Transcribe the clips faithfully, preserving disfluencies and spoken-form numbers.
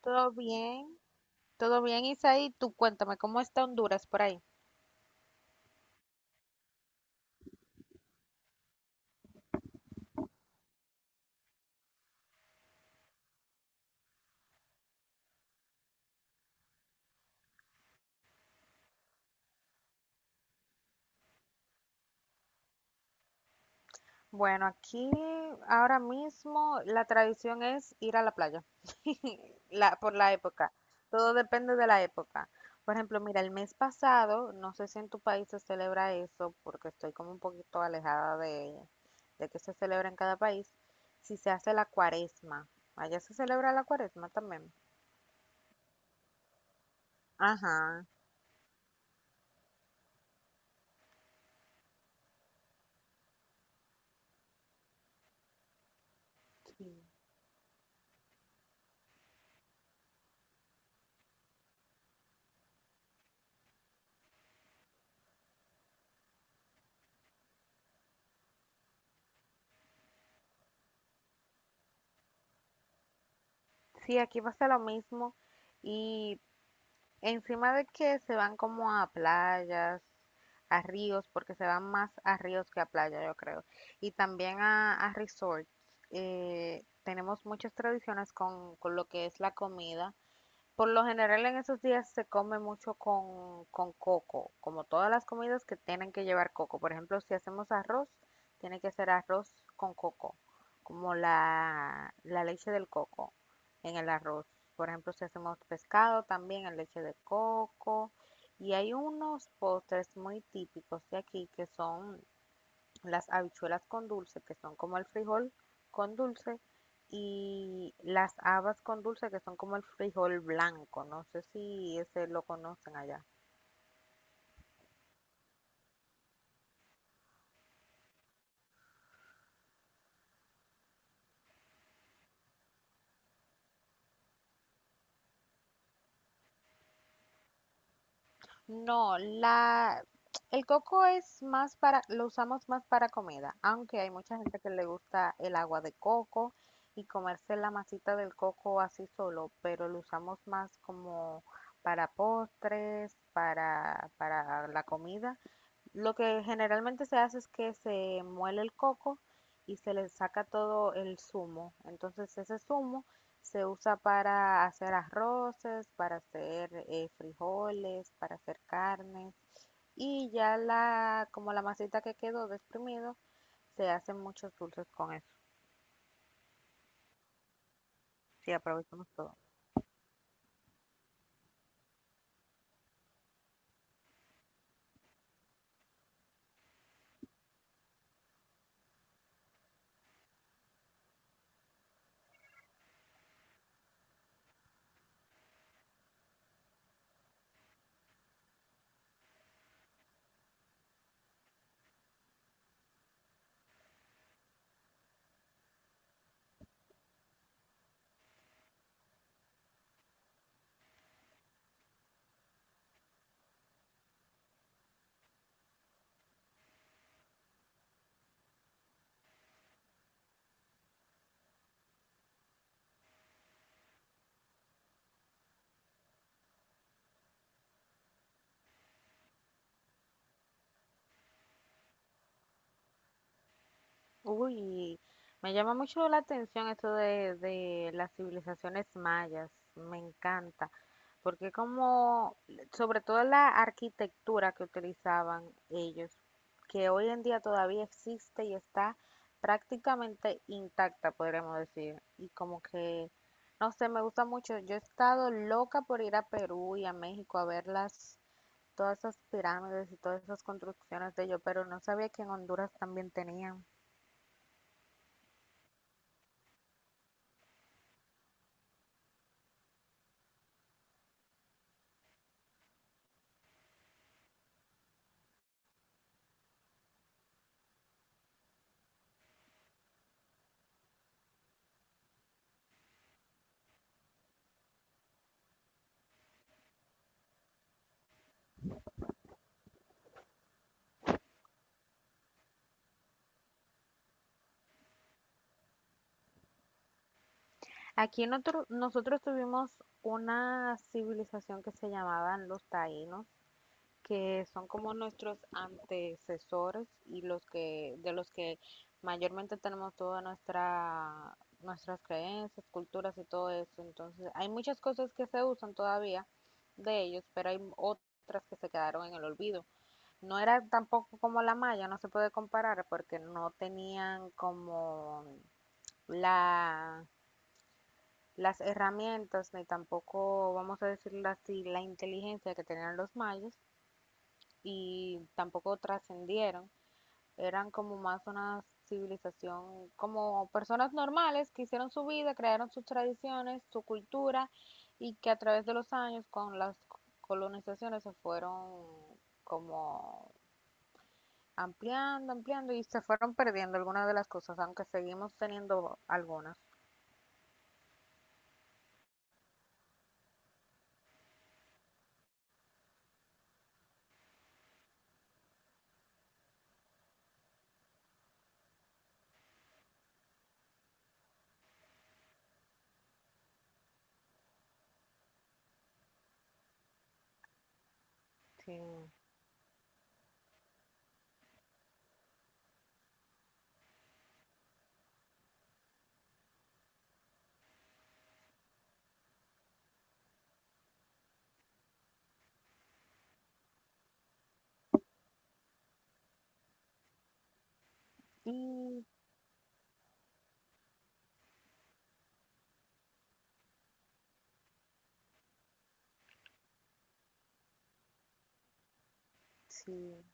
Todo bien, todo bien, Isaí. Tú cuéntame, ¿cómo está Honduras por ahí? Bueno, aquí ahora mismo la tradición es ir a la playa, la, por la época. Todo depende de la época. Por ejemplo, mira, el mes pasado, no sé si en tu país se celebra eso, porque estoy como un poquito alejada de, de que se celebra en cada país, si se hace la cuaresma. Allá se celebra la cuaresma también. Ajá. Sí, Sí, aquí pasa lo mismo. Y encima de que se van como a playas, a ríos, porque se van más a ríos que a playa, yo creo. Y también a, a resorts. Eh, tenemos muchas tradiciones con, con lo que es la comida. Por lo general en esos días se come mucho con, con coco, como todas las comidas que tienen que llevar coco. Por ejemplo, si hacemos arroz, tiene que ser arroz con coco, como la, la leche del coco en el arroz. Por ejemplo, si hacemos pescado, también en leche de coco. Y hay unos postres muy típicos de aquí que son las habichuelas con dulce, que son como el frijol con dulce, y las habas con dulce, que son como el frijol blanco. No sé si ese lo conocen allá. No, la, el coco es más para, lo usamos más para comida, aunque hay mucha gente que le gusta el agua de coco y comerse la masita del coco así solo, pero lo usamos más como para postres, para, para la comida. Lo que generalmente se hace es que se muele el coco y se le saca todo el zumo. Entonces ese zumo se usa para hacer arroces, para hacer eh, frijoles, para hacer carnes. Y ya la, como la masita que quedó de exprimido, se hacen muchos dulces con eso. Sí, aprovechamos todo. Uy, me llama mucho la atención esto de, de las civilizaciones mayas, me encanta, porque como, sobre todo la arquitectura que utilizaban ellos, que hoy en día todavía existe y está prácticamente intacta, podríamos decir, y como que, no sé, me gusta mucho, yo he estado loca por ir a Perú y a México a ver las, todas esas pirámides y todas esas construcciones de ellos, pero no sabía que en Honduras también tenían. Aquí notor- nosotros tuvimos una civilización que se llamaban los taínos, que son como nuestros antecesores y los que, de los que mayormente tenemos toda nuestra, nuestras creencias, culturas y todo eso. Entonces, hay muchas cosas que se usan todavía de ellos, pero hay otras que se quedaron en el olvido. No era tampoco como la maya, no se puede comparar porque no tenían como la las herramientas, ni tampoco, vamos a decirlo así, la inteligencia que tenían los mayas y tampoco trascendieron. Eran como más una civilización, como personas normales que hicieron su vida, crearon sus tradiciones, su cultura y que a través de los años con las colonizaciones se fueron como ampliando, ampliando y se fueron perdiendo algunas de las cosas, aunque seguimos teniendo algunas. Sí. Y sí,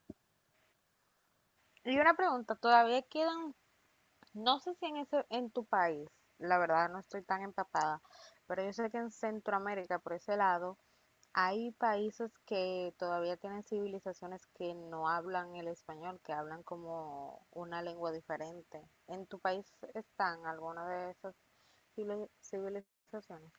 y una pregunta, todavía quedan, no sé si en ese, en tu país, la verdad no estoy tan empapada, pero yo sé que en Centroamérica, por ese lado, hay países que todavía tienen civilizaciones que no hablan el español, que hablan como una lengua diferente. ¿En tu país están alguna de esas civili- civilizaciones?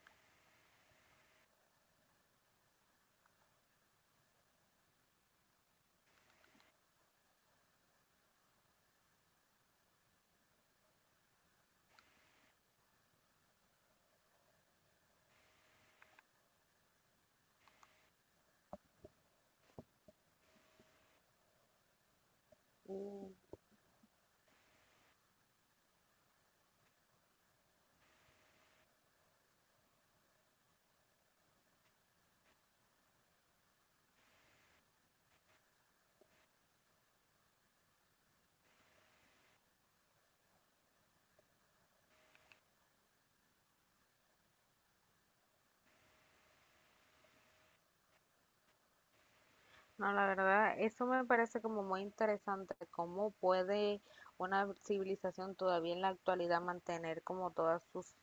No, la verdad, eso me parece como muy interesante, cómo puede una civilización todavía en la actualidad mantener como todas sus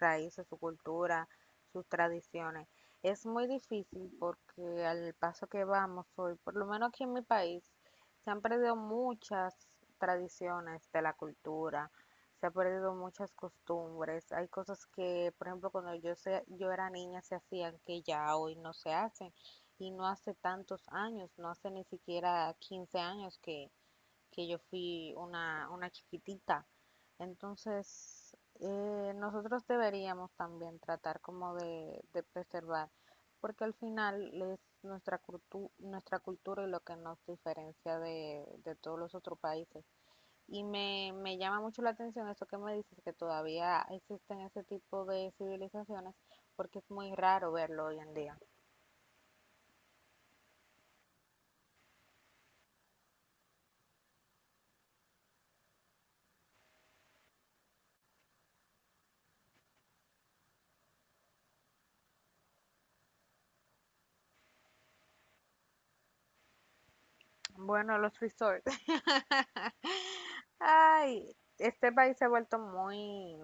raíces, su cultura, sus tradiciones. Es muy difícil porque al paso que vamos hoy, por lo menos aquí en mi país, se han perdido muchas tradiciones de la cultura, se han perdido muchas costumbres. Hay cosas que, por ejemplo, cuando yo, se- yo era niña se hacían que ya hoy no se hacen y no hace tantos años, no hace ni siquiera quince años que que yo fui una, una chiquitita. Entonces, eh, nosotros deberíamos también tratar como de, de preservar, porque al final es nuestra, cultu- nuestra cultura y lo que nos diferencia de, de todos los otros países. Y me, me llama mucho la atención esto que me dices, que todavía existen ese tipo de civilizaciones, porque es muy raro verlo hoy en día. Bueno, los resorts. Ay, este país se ha vuelto muy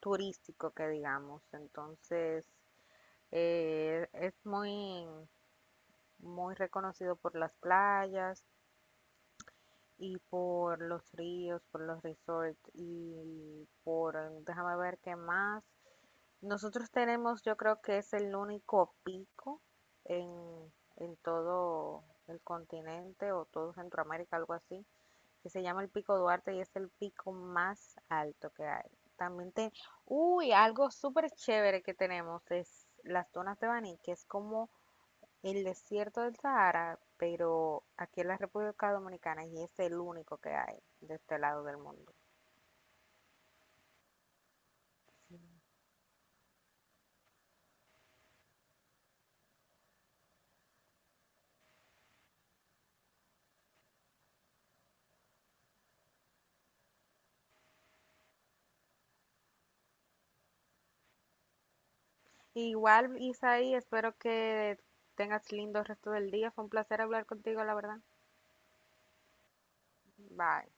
turístico, que digamos. Entonces, eh, es muy, muy reconocido por las playas y por los ríos, por los resorts y por, eh, déjame ver qué más. Nosotros tenemos, yo creo que es el único pico en, en todo el continente o todo Centroamérica, algo así que se llama el Pico Duarte y es el pico más alto que hay. También te... Uy, algo súper chévere que tenemos es las dunas de Baní, que es como el desierto del Sahara, pero aquí en la República Dominicana y es el único que hay de este lado del mundo. Sí. Igual, Isaí, espero que tengas lindo resto del día. Fue un placer hablar contigo, la verdad. Bye.